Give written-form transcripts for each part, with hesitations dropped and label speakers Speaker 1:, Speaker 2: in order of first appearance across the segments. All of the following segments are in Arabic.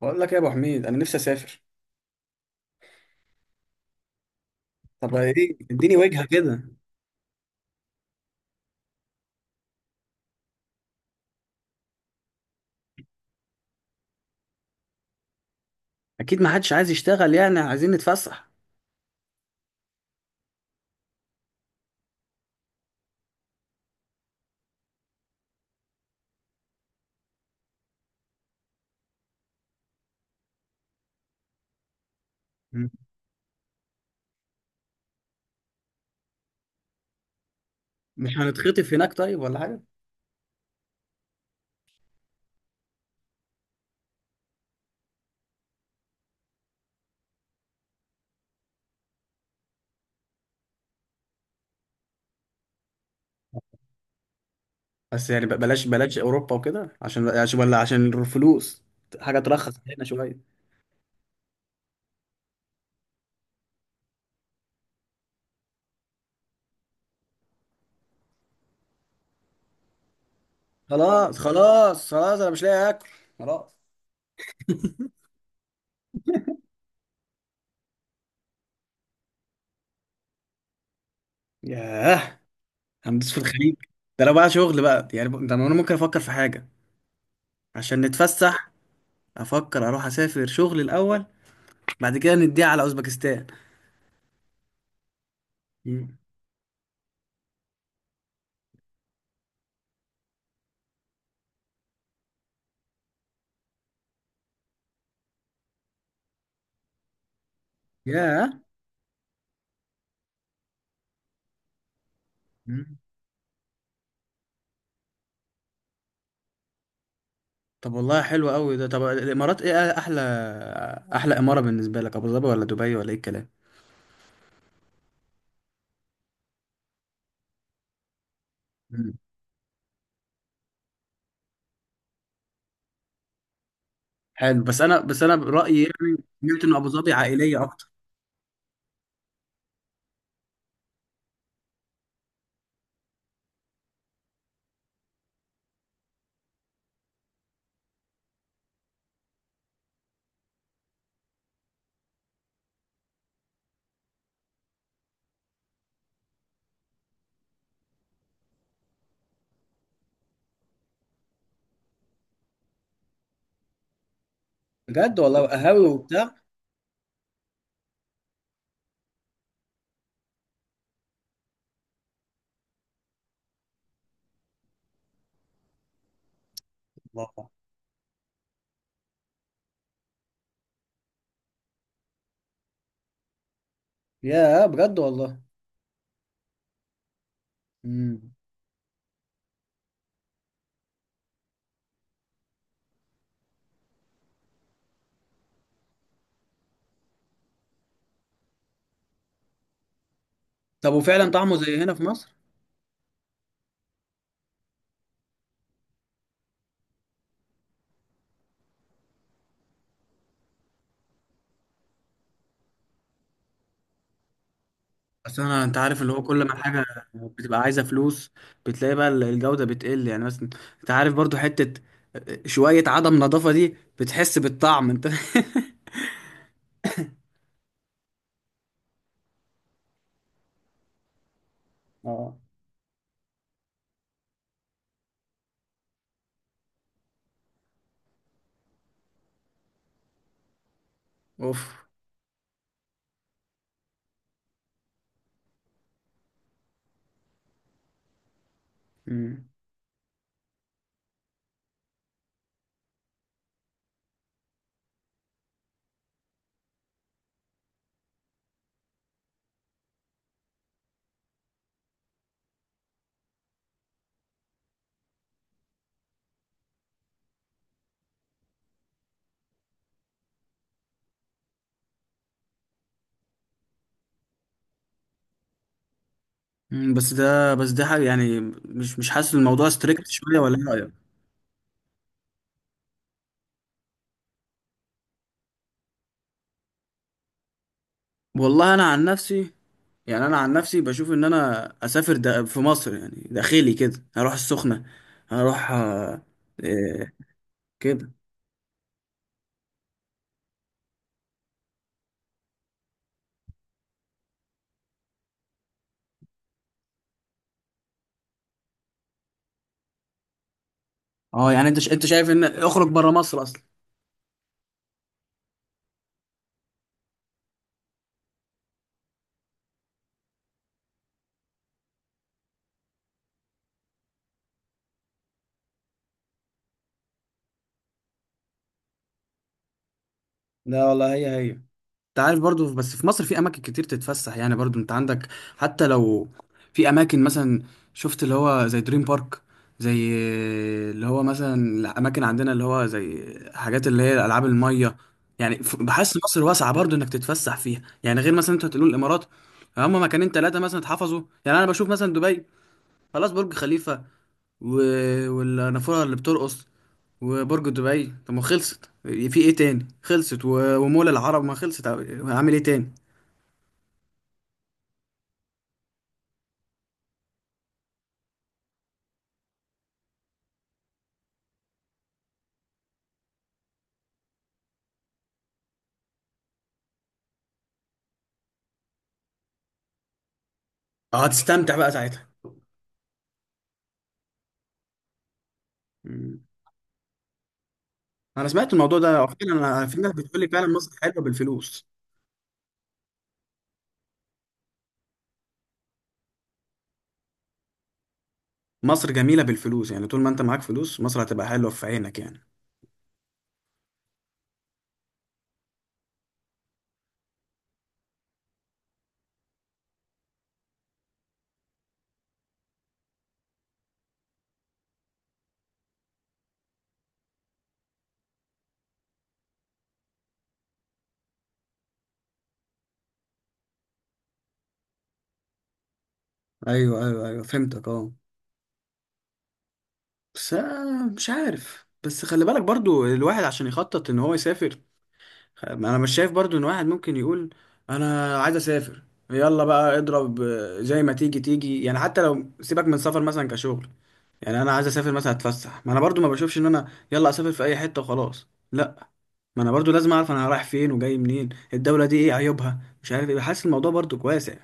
Speaker 1: بقول لك يا ابو حميد، انا نفسي اسافر. طب ايه، اديني وجهه كده. اكيد ما حدش عايز يشتغل، يعني عايزين نتفسح. مم. مش هنتخطف هناك طيب ولا حاجه؟ بس يعني بلاش بلاش اوروبا وكده، عشان ولا عشان الفلوس، حاجه ترخص هنا شويه. خلاص خلاص خلاص، انا مش لاقي اكل، خلاص. ياه، هندوس في الخليج. ده لو بقى شغل بقى يعني، ده انا ممكن افكر في حاجه، عشان نتفسح. افكر اروح اسافر شغل الاول، بعد كده نديها على اوزبكستان. مم. ياه. طب والله حلو قوي ده. طب الامارات ايه احلى؟ احلى اماره بالنسبه لك ابو ظبي ولا دبي، ولا ايه الكلام؟ مم. حلو. بس انا برايي يعني، سمعت ان ابو ظبي عائليه اكتر. بجد والله؟ قهاوي وبتاع؟ الله. يا، بجد والله. مم. طب وفعلا طعمه زي هنا في مصر؟ بس انا، انت عارف، اللي هو كل ما الحاجه بتبقى عايزه فلوس، بتلاقي بقى الجوده بتقل يعني. مثلا، انت عارف برضو، حته شويه عدم نظافه دي بتحس بالطعم انت. اه. اوف. مم. بس ده حاجة يعني. مش حاسس الموضوع ستريكت شوية، ولا ايه رأيك؟ والله انا عن نفسي، يعني انا عن نفسي بشوف ان انا اسافر ده في مصر، يعني داخلي كده، هروح السخنة، هروح آه، إيه، كده. اه، يعني انت انت شايف ان اخرج بره مصر اصلا؟ لا والله، هي هي. انت عارف برضو، بس في مصر في اماكن كتير تتفسح يعني، برضو انت عندك. حتى لو في اماكن مثلا، شفت اللي هو زي دريم بارك، زي اللي هو مثلا الاماكن عندنا اللي هو زي حاجات اللي هي العاب الميه يعني. بحس مصر واسعه برضو انك تتفسح فيها يعني، غير مثلا انت هتقول الامارات هم مكانين ثلاثه مثلا اتحفظوا. يعني انا بشوف مثلا دبي، خلاص، برج خليفه، و والنافورة اللي بترقص، وبرج دبي. طب ما خلصت، في ايه تاني خلصت، و ومول العرب، ما خلصت هعمل ايه تاني؟ هتستمتع بقى ساعتها. مم. انا سمعت الموضوع ده فعلا، انا في ناس بتقول لي فعلا مصر حلوه بالفلوس. مصر جميله بالفلوس، يعني طول ما انت معاك فلوس مصر هتبقى حلوه في عينك يعني. ايوه ايوه ايوه، فهمتك، اه. بس مش عارف، بس خلي بالك برضو الواحد عشان يخطط ان هو يسافر. ما انا مش شايف برضو ان واحد ممكن يقول انا عايز اسافر، يلا بقى اضرب زي ما تيجي تيجي يعني، حتى لو سيبك من سفر مثلا كشغل. يعني انا عايز اسافر مثلا اتفسح، ما انا برضو ما بشوفش ان انا يلا اسافر في اي حتة وخلاص، لا. ما انا برضو لازم اعرف انا رايح فين وجاي منين، الدولة دي ايه عيوبها، مش عارف ايه. حاسس الموضوع برضو واسع.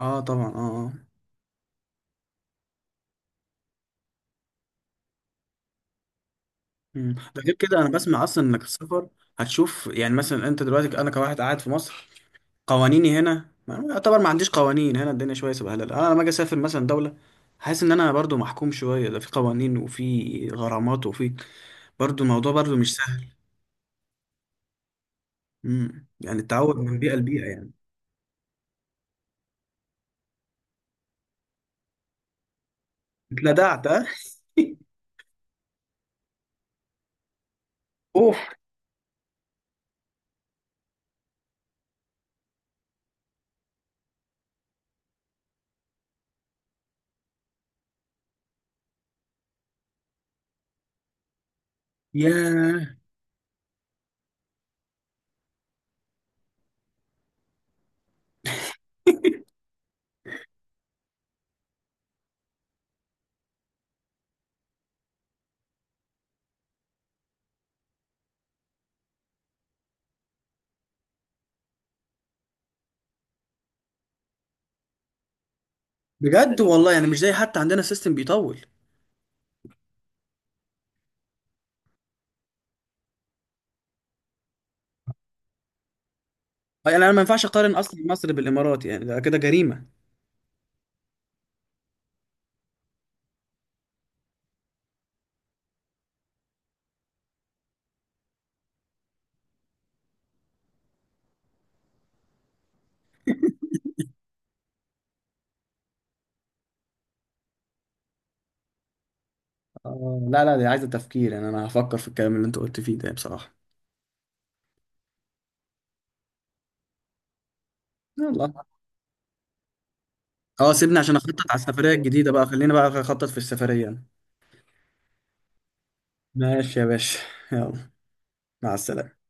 Speaker 1: اه طبعا، اه، اه. مم. ده غير كده، انا بسمع اصلا انك السفر هتشوف. يعني مثلا انت دلوقتي، انا كواحد قاعد في مصر قوانيني هنا يعتبر ما عنديش قوانين هنا، الدنيا شويه سبهلله. انا لما اجي اسافر مثلا دوله، حاسس ان انا برضو محكوم شويه، ده في قوانين وفي غرامات وفي، برضو الموضوع برضو مش سهل. يعني التعود من بيئه لبيئه يعني. اتلدعت، ها؟ اوف. يا بجد والله، يعني مش زي حتى عندنا، سيستم بيطول. يعني انا ما ينفعش اقارن اصلا مصر بالامارات، يعني ده كده جريمه. آه، لا لا، دي عايزه تفكير. يعني انا هفكر في الكلام اللي انت قلت فيه ده بصراحه. يلا. اه، سيبني عشان اخطط على السفريه الجديده بقى، خلينا بقى اخطط في السفريه. ماشي يا باشا. يلا. مع السلامة.